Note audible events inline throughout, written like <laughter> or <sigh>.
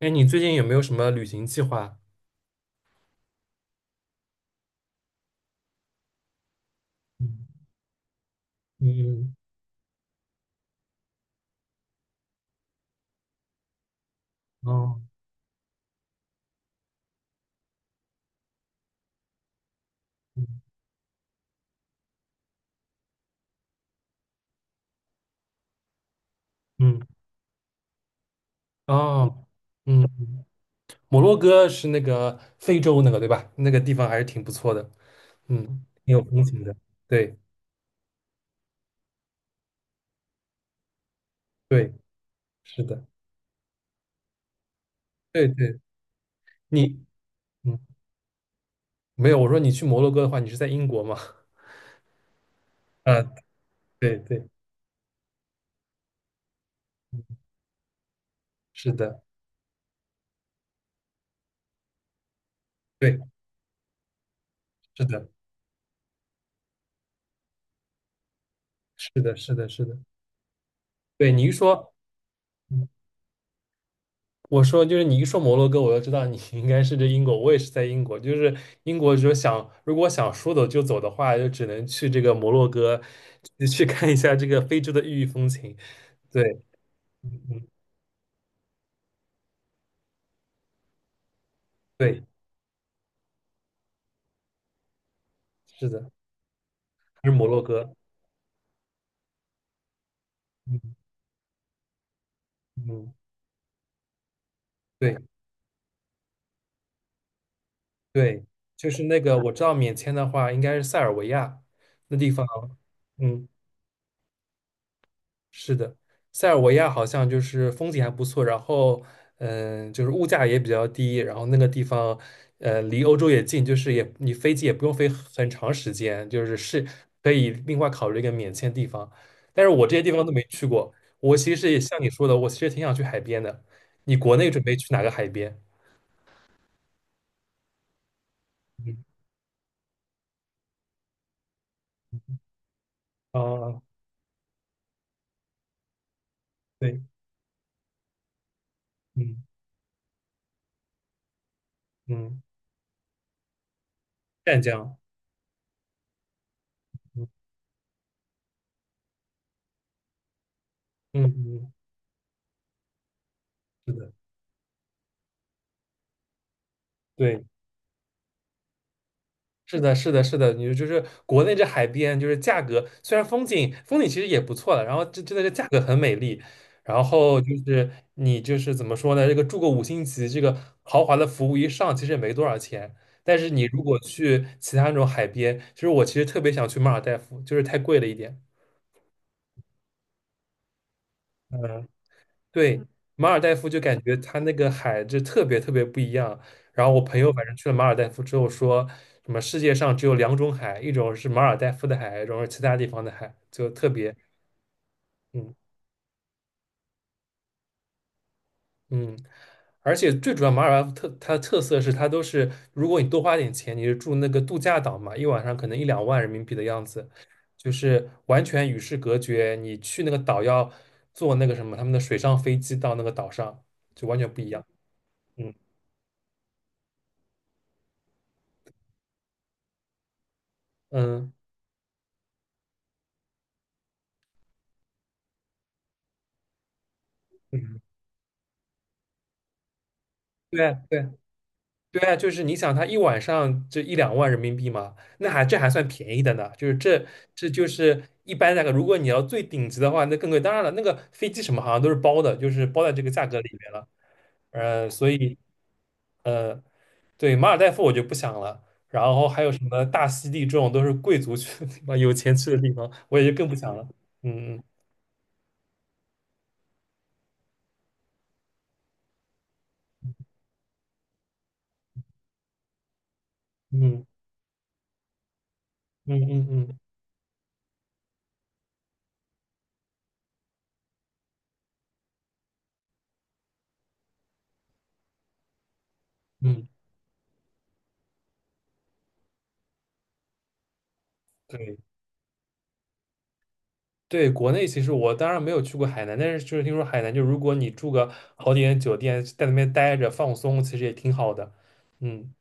哎，你最近有没有什么旅行计划？嗯嗯，哦，嗯嗯，哦，嗯，摩洛哥是那个非洲那个对吧？那个地方还是挺不错的，嗯，挺有风情的。对对，是的，对对，你嗯没有，我说你去摩洛哥的话，你是在英国吗？<laughs> 啊，对对，是的，对，是的，是的，是的，是的，对你一说。我说，就是你一说摩洛哥，我就知道你 <laughs> 应该是这英国。我也是在英国，就是英国，就想如果想说走就走的话，就只能去这个摩洛哥，去看一下这个非洲的异域风情。对，嗯嗯，对，是的，是摩洛哥。嗯嗯，对对，就是那个我知道免签的话，应该是塞尔维亚那地方。嗯。是的，塞尔维亚好像就是风景还不错，然后就是物价也比较低，然后那个地方离欧洲也近，就是也你飞机也不用飞很长时间，就是可以另外考虑一个免签地方。但是我这些地方都没去过，我其实也像你说的，我其实挺想去海边的。你国内准备去哪个海边？嗯，哦，对，嗯嗯，湛江，嗯嗯嗯，是的，对。是的，是的，是的，你就是国内这海边，就是价格虽然风景其实也不错的，然后这真的是价格很美丽，然后就是你就是怎么说呢？这个住个5星级，这个豪华的服务一上，其实也没多少钱。但是你如果去其他那种海边，其实我其实特别想去马尔代夫，就是太贵了一点。嗯。对，马尔代夫就感觉它那个海就特别特别不一样。然后我朋友反正去了马尔代夫之后说，什么世界上只有两种海，一种是马尔代夫的海，一种是其他地方的海，就特别嗯嗯。而且最主要，马尔代夫它的特色是它都是，如果你多花点钱，你是住那个度假岛嘛，一晚上可能一两万人民币的样子，就是完全与世隔绝。你去那个岛要坐那个什么他们的水上飞机到那个岛上，就完全不一样。嗯嗯。嗯对对对啊，就是你想，他一晚上就一两万人民币嘛，那还这还算便宜的呢。就是这就是一般那个，如果你要最顶级的话，那更贵。当然了，那个飞机什么好像都是包的，就是包在这个价格里面了。所以呃，对，马尔代夫我就不想了。然后还有什么大溪地这种都是贵族去的地方，<laughs> 有钱去的地方，我也就更不想了。嗯嗯嗯嗯嗯嗯嗯，对。对，国内其实我当然没有去过海南，但是就是听说海南，就如果你住个好点的酒店，在那边待着放松，其实也挺好的。嗯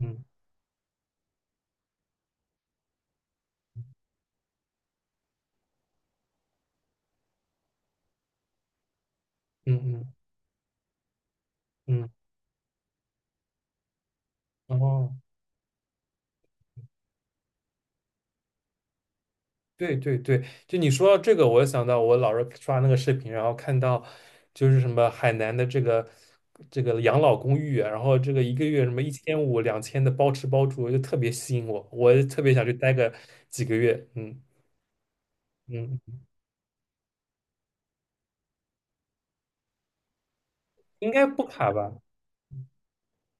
嗯嗯嗯嗯，哦，对对对，就你说到这个，我又想到我老是刷那个视频，然后看到就是什么海南的这个养老公寓啊，然后这个一个月什么1500、2000的包吃包住，就特别吸引我，我也特别想去待个几个月。嗯嗯，嗯应该不卡吧？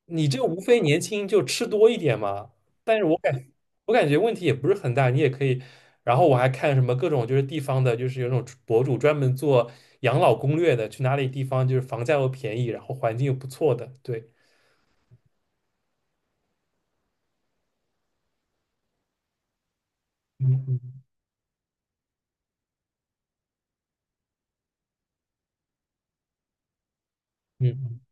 你这无非年轻就吃多一点嘛，但是我感觉问题也不是很大，你也可以。然后我还看什么各种就是地方的，就是有那种博主专门做养老攻略的，去哪里地方就是房价又便宜，然后环境又不错的，对，嗯嗯嗯。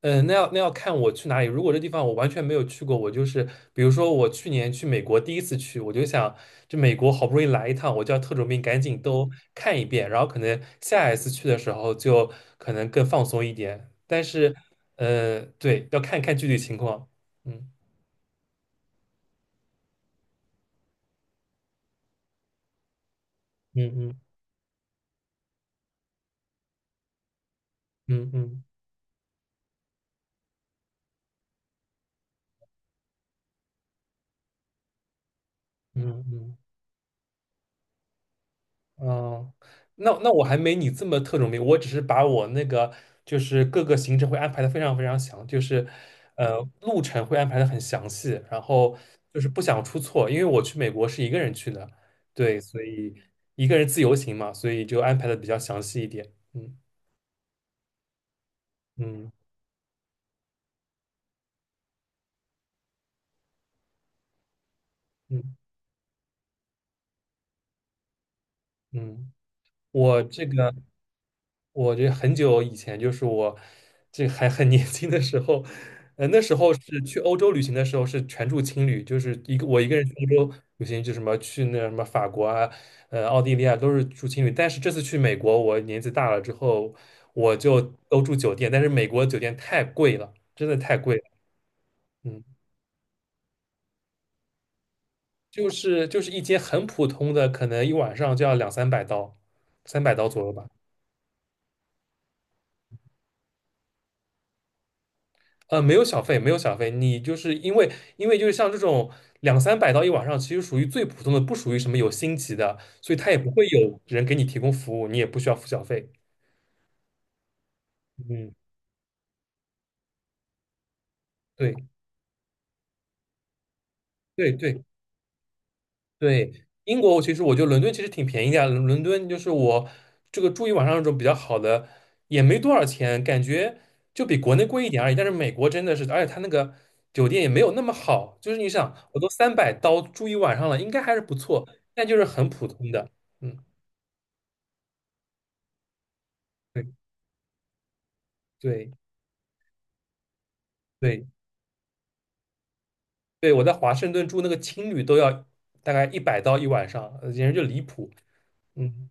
嗯，那要看我去哪里。如果这地方我完全没有去过，我就是比如说我去年去美国第一次去，我就想，这美国好不容易来一趟，我就要特种兵赶紧都看一遍，然后可能下一次去的时候就可能更放松一点。但是，对，要看看具体情况。嗯嗯嗯嗯嗯嗯嗯。嗯嗯嗯，那我还没你这么特种兵，我只是把我那个就是各个行程会安排的非常非常详，就是路程会安排的很详细，然后就是不想出错，因为我去美国是一个人去的，对，所以一个人自由行嘛，所以就安排的比较详细一点。嗯嗯嗯嗯，我这个。我这很久以前，就是我这还很 <laughs> 年轻的时候，那时候是去欧洲旅行的时候是全住青旅，就是一个我一个人去欧洲旅行，就什么去那什么法国啊，奥地利啊，都是住青旅。但是这次去美国，我年纪大了之后，我就都住酒店，但是美国酒店太贵了，真的太贵了，嗯，就是一间很普通的，可能一晚上就要2-300刀，三百刀左右吧。没有小费，没有小费，你就是因为就是像这种两三百到一晚上，其实属于最普通的，不属于什么有星级的，所以他也不会有人给你提供服务，你也不需要付小费。嗯，对对对对，英国其实我觉得伦敦其实挺便宜的呀伦敦就是我这个住一晚上那种比较好的，也没多少钱，感觉就比国内贵一点而已。但是美国真的是，而且他那个酒店也没有那么好，就是你想，我都三百刀住一晚上了，应该还是不错，但就是很普通的。嗯。对对对对，我在华盛顿住那个青旅都要大概一百刀一晚上，简直就离谱。嗯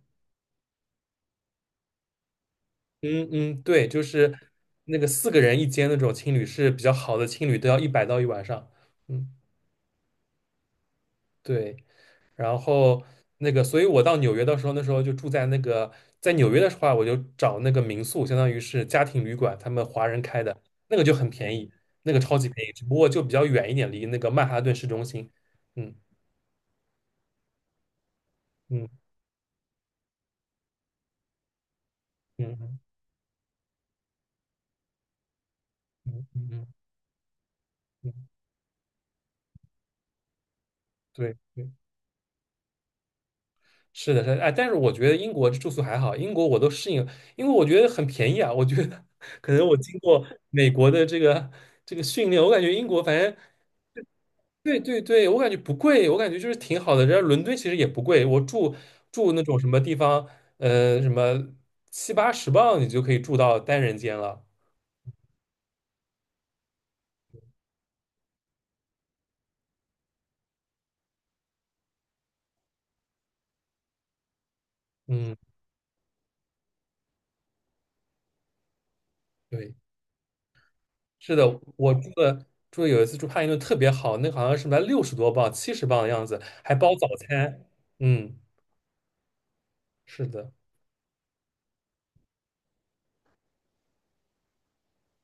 嗯嗯，对，就是那个四个人一间那种青旅是比较好的青旅，都要一百刀一晚上。嗯，对。然后那个，所以我到纽约的时候，那时候就住在那个，在纽约的话，我就找那个民宿，相当于是家庭旅馆，他们华人开的，那个就很便宜，那个超级便宜，只不过就比较远一点，离那个曼哈顿市中心。嗯嗯嗯。嗯嗯嗯嗯，对对，是的，是的，哎，但是我觉得英国住宿还好，英国我都适应，因为我觉得很便宜啊。我觉得可能我经过美国的这个训练，我感觉英国反正对对对，我感觉不贵，我感觉就是挺好的。人家伦敦其实也不贵，我住那种什么地方，什么7、80镑你就可以住到单人间了。嗯，对。是的，我住的有一次住帕丁顿特别好，那个好像是卖60多磅、70磅的样子，还包早餐。嗯，是的。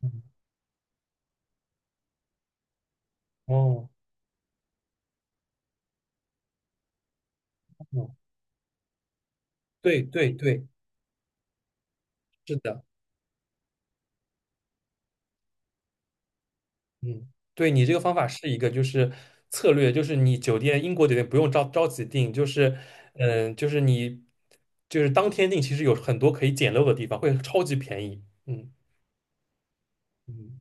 嗯，哦，哦对对对，是的。嗯，对你这个方法是一个就是策略，就是你酒店英国酒店不用着急订，就是嗯，就是你就是当天订，其实有很多可以捡漏的地方，会超级便宜。嗯嗯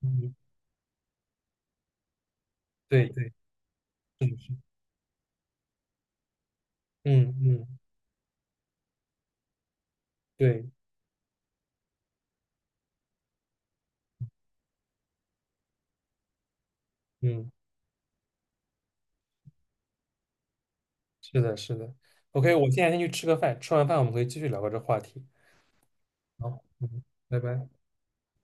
嗯，对对，嗯嗯对，嗯。是的，是的。OK，我现在先去吃个饭，吃完饭我们可以继续聊个这话题。好，嗯，拜拜。